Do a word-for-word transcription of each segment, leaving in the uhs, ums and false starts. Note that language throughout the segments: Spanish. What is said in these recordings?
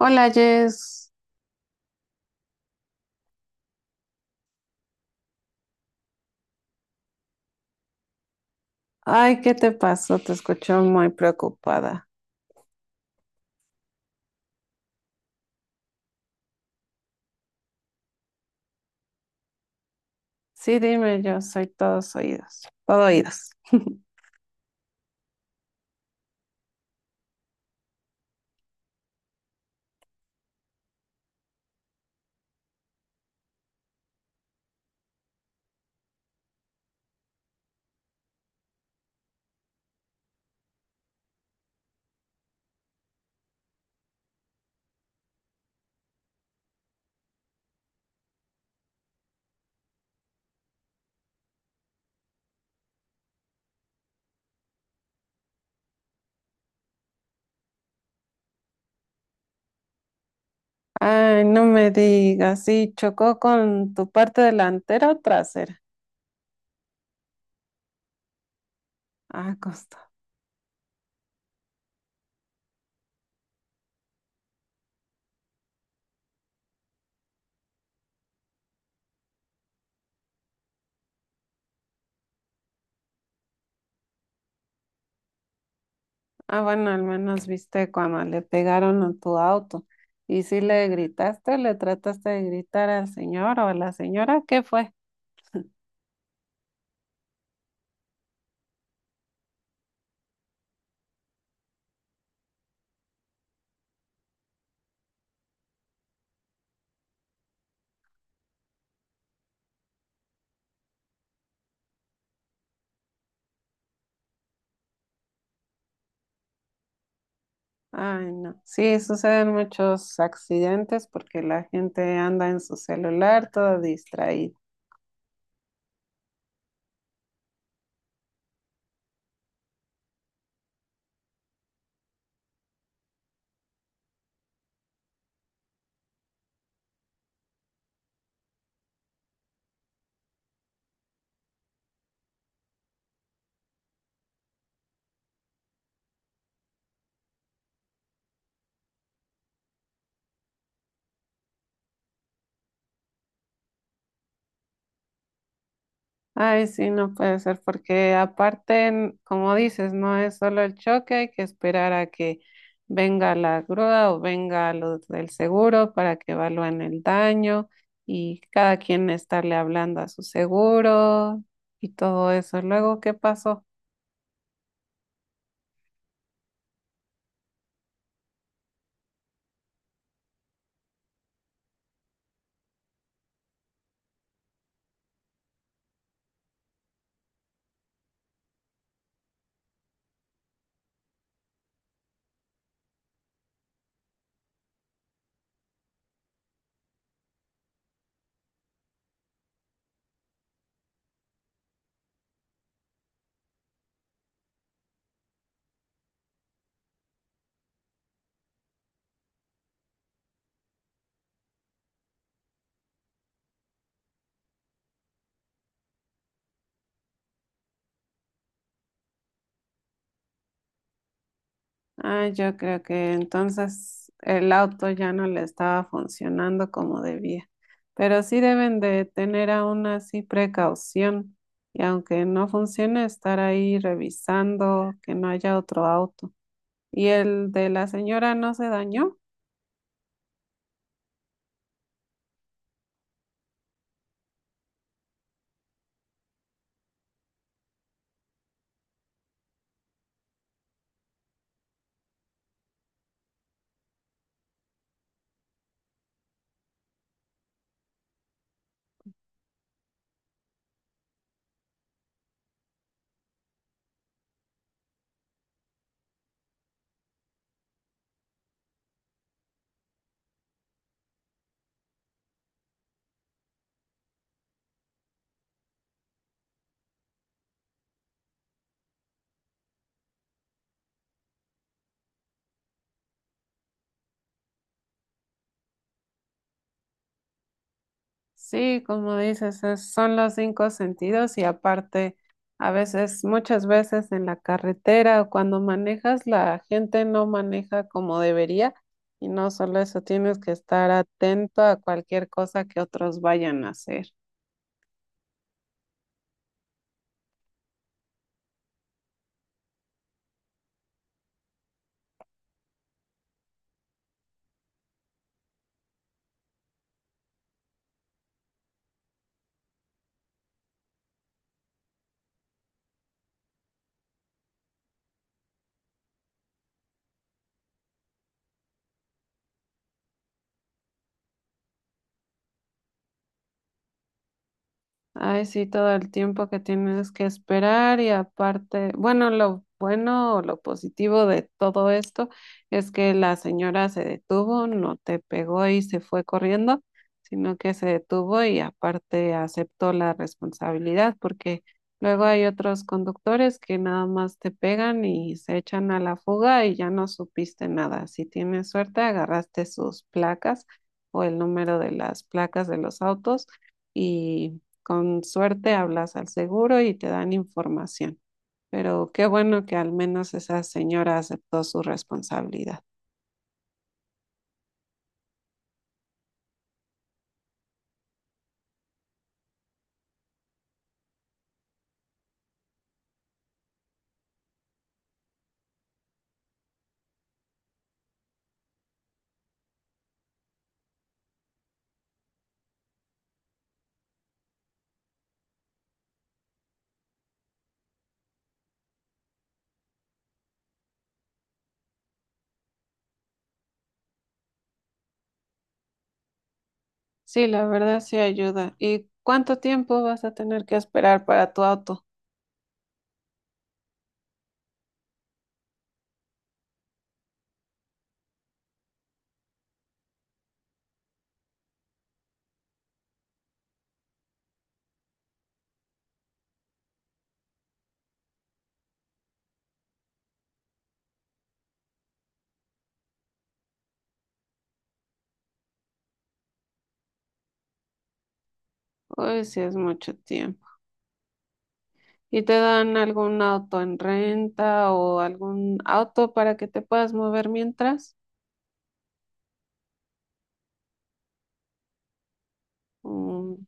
Hola Jess, ay, ¿qué te pasó? Te escucho muy preocupada. Sí, dime, yo soy todos oídos, todo oídos. Ay, no me digas, sí, ¿chocó con tu parte delantera o trasera? Ah, costó. Ah, bueno, al menos viste cuando le pegaron a tu auto. ¿Y si le gritaste o le trataste de gritar al señor o a la señora? ¿Qué fue? Ay, no. Sí, suceden muchos accidentes porque la gente anda en su celular toda distraída. Ay, sí, no puede ser, porque aparte, n- como dices, no es solo el choque, hay que esperar a que venga la grúa o venga los del seguro para que evalúen el daño y cada quien estarle hablando a su seguro y todo eso. Luego, ¿qué pasó? Ah, yo creo que entonces el auto ya no le estaba funcionando como debía. Pero sí deben de tener aún así precaución y aunque no funcione, estar ahí revisando que no haya otro auto. ¿Y el de la señora no se dañó? Sí, como dices, es- son los cinco sentidos y aparte, a veces, muchas veces en la carretera o cuando manejas, la gente no maneja como debería y no solo eso, tienes que estar atento a cualquier cosa que otros vayan a hacer. Ay, sí, todo el tiempo que tienes que esperar y aparte, bueno, lo bueno o lo positivo de todo esto es que la señora se detuvo, no te pegó y se fue corriendo, sino que se detuvo y aparte aceptó la responsabilidad, porque luego hay otros conductores que nada más te pegan y se echan a la fuga y ya no supiste nada. Si tienes suerte, agarraste sus placas o el número de las placas de los autos. Y con suerte hablas al seguro y te dan información. Pero qué bueno que al menos esa señora aceptó su responsabilidad. Sí, la verdad sí ayuda. ¿Y cuánto tiempo vas a tener que esperar para tu auto? Hoy sí es mucho tiempo. ¿Y te dan algún auto en renta o algún auto para que te puedas mover mientras? Mm.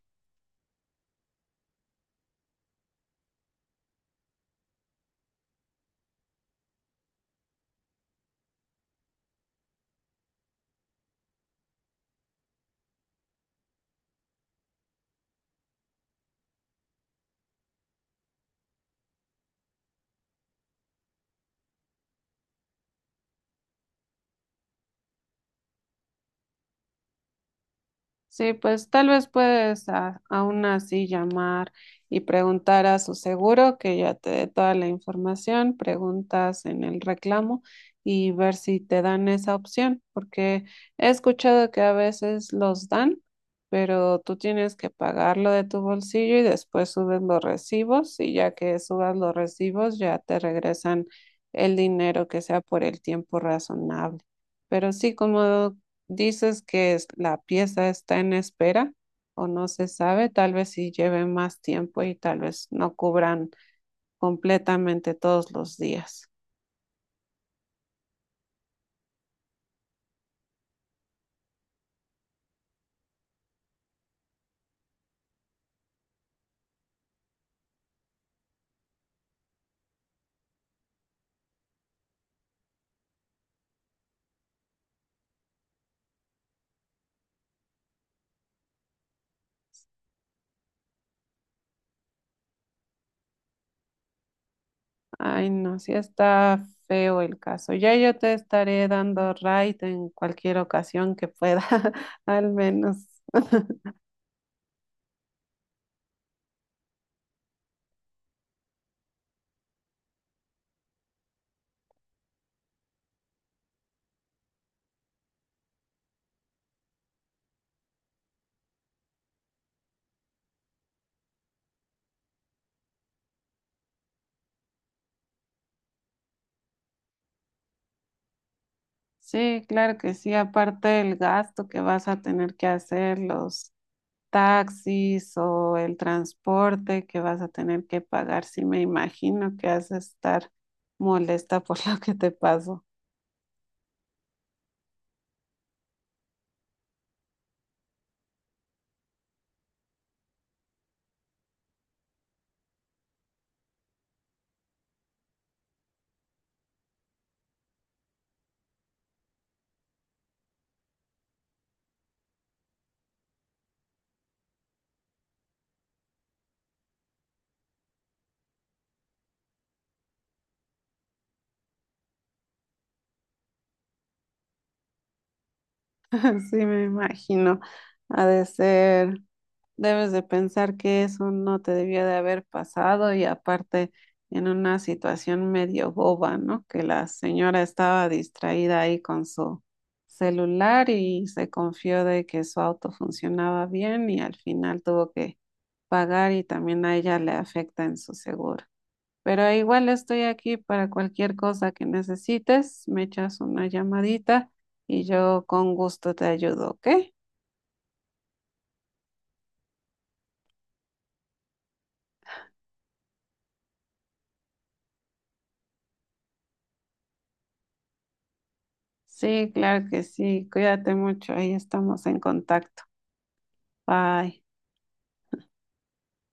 Sí, pues tal vez puedes a- aún así llamar y preguntar a su seguro que ya te dé toda la información, preguntas en el reclamo y ver si te dan esa opción, porque he escuchado que a veces los dan, pero tú tienes que pagarlo de tu bolsillo y después subes los recibos y ya que subas los recibos ya te regresan el dinero que sea por el tiempo razonable. Pero sí, como dices que es- la pieza está en espera o no se sabe, tal vez si lleve más tiempo y tal vez no cubran completamente todos los días. Ay, no, sí está feo el caso. Ya yo te estaré dando right en cualquier ocasión que pueda, al menos. Sí, claro que sí, aparte el gasto que vas a tener que hacer, los taxis o el transporte que vas a tener que pagar, sí me imagino que has de estar molesta por lo que te pasó. Sí me imagino. Ha de ser, debes de pensar que eso no te debía de haber pasado y aparte en una situación medio boba, ¿no? Que la señora estaba distraída ahí con su celular y se confió de que su auto funcionaba bien y al final tuvo que pagar y también a ella le afecta en su seguro. Pero igual estoy aquí para cualquier cosa que necesites, me echas una llamadita y yo con gusto te ayudo, ¿ok? Sí, claro que sí, cuídate mucho, ahí estamos en contacto. Bye.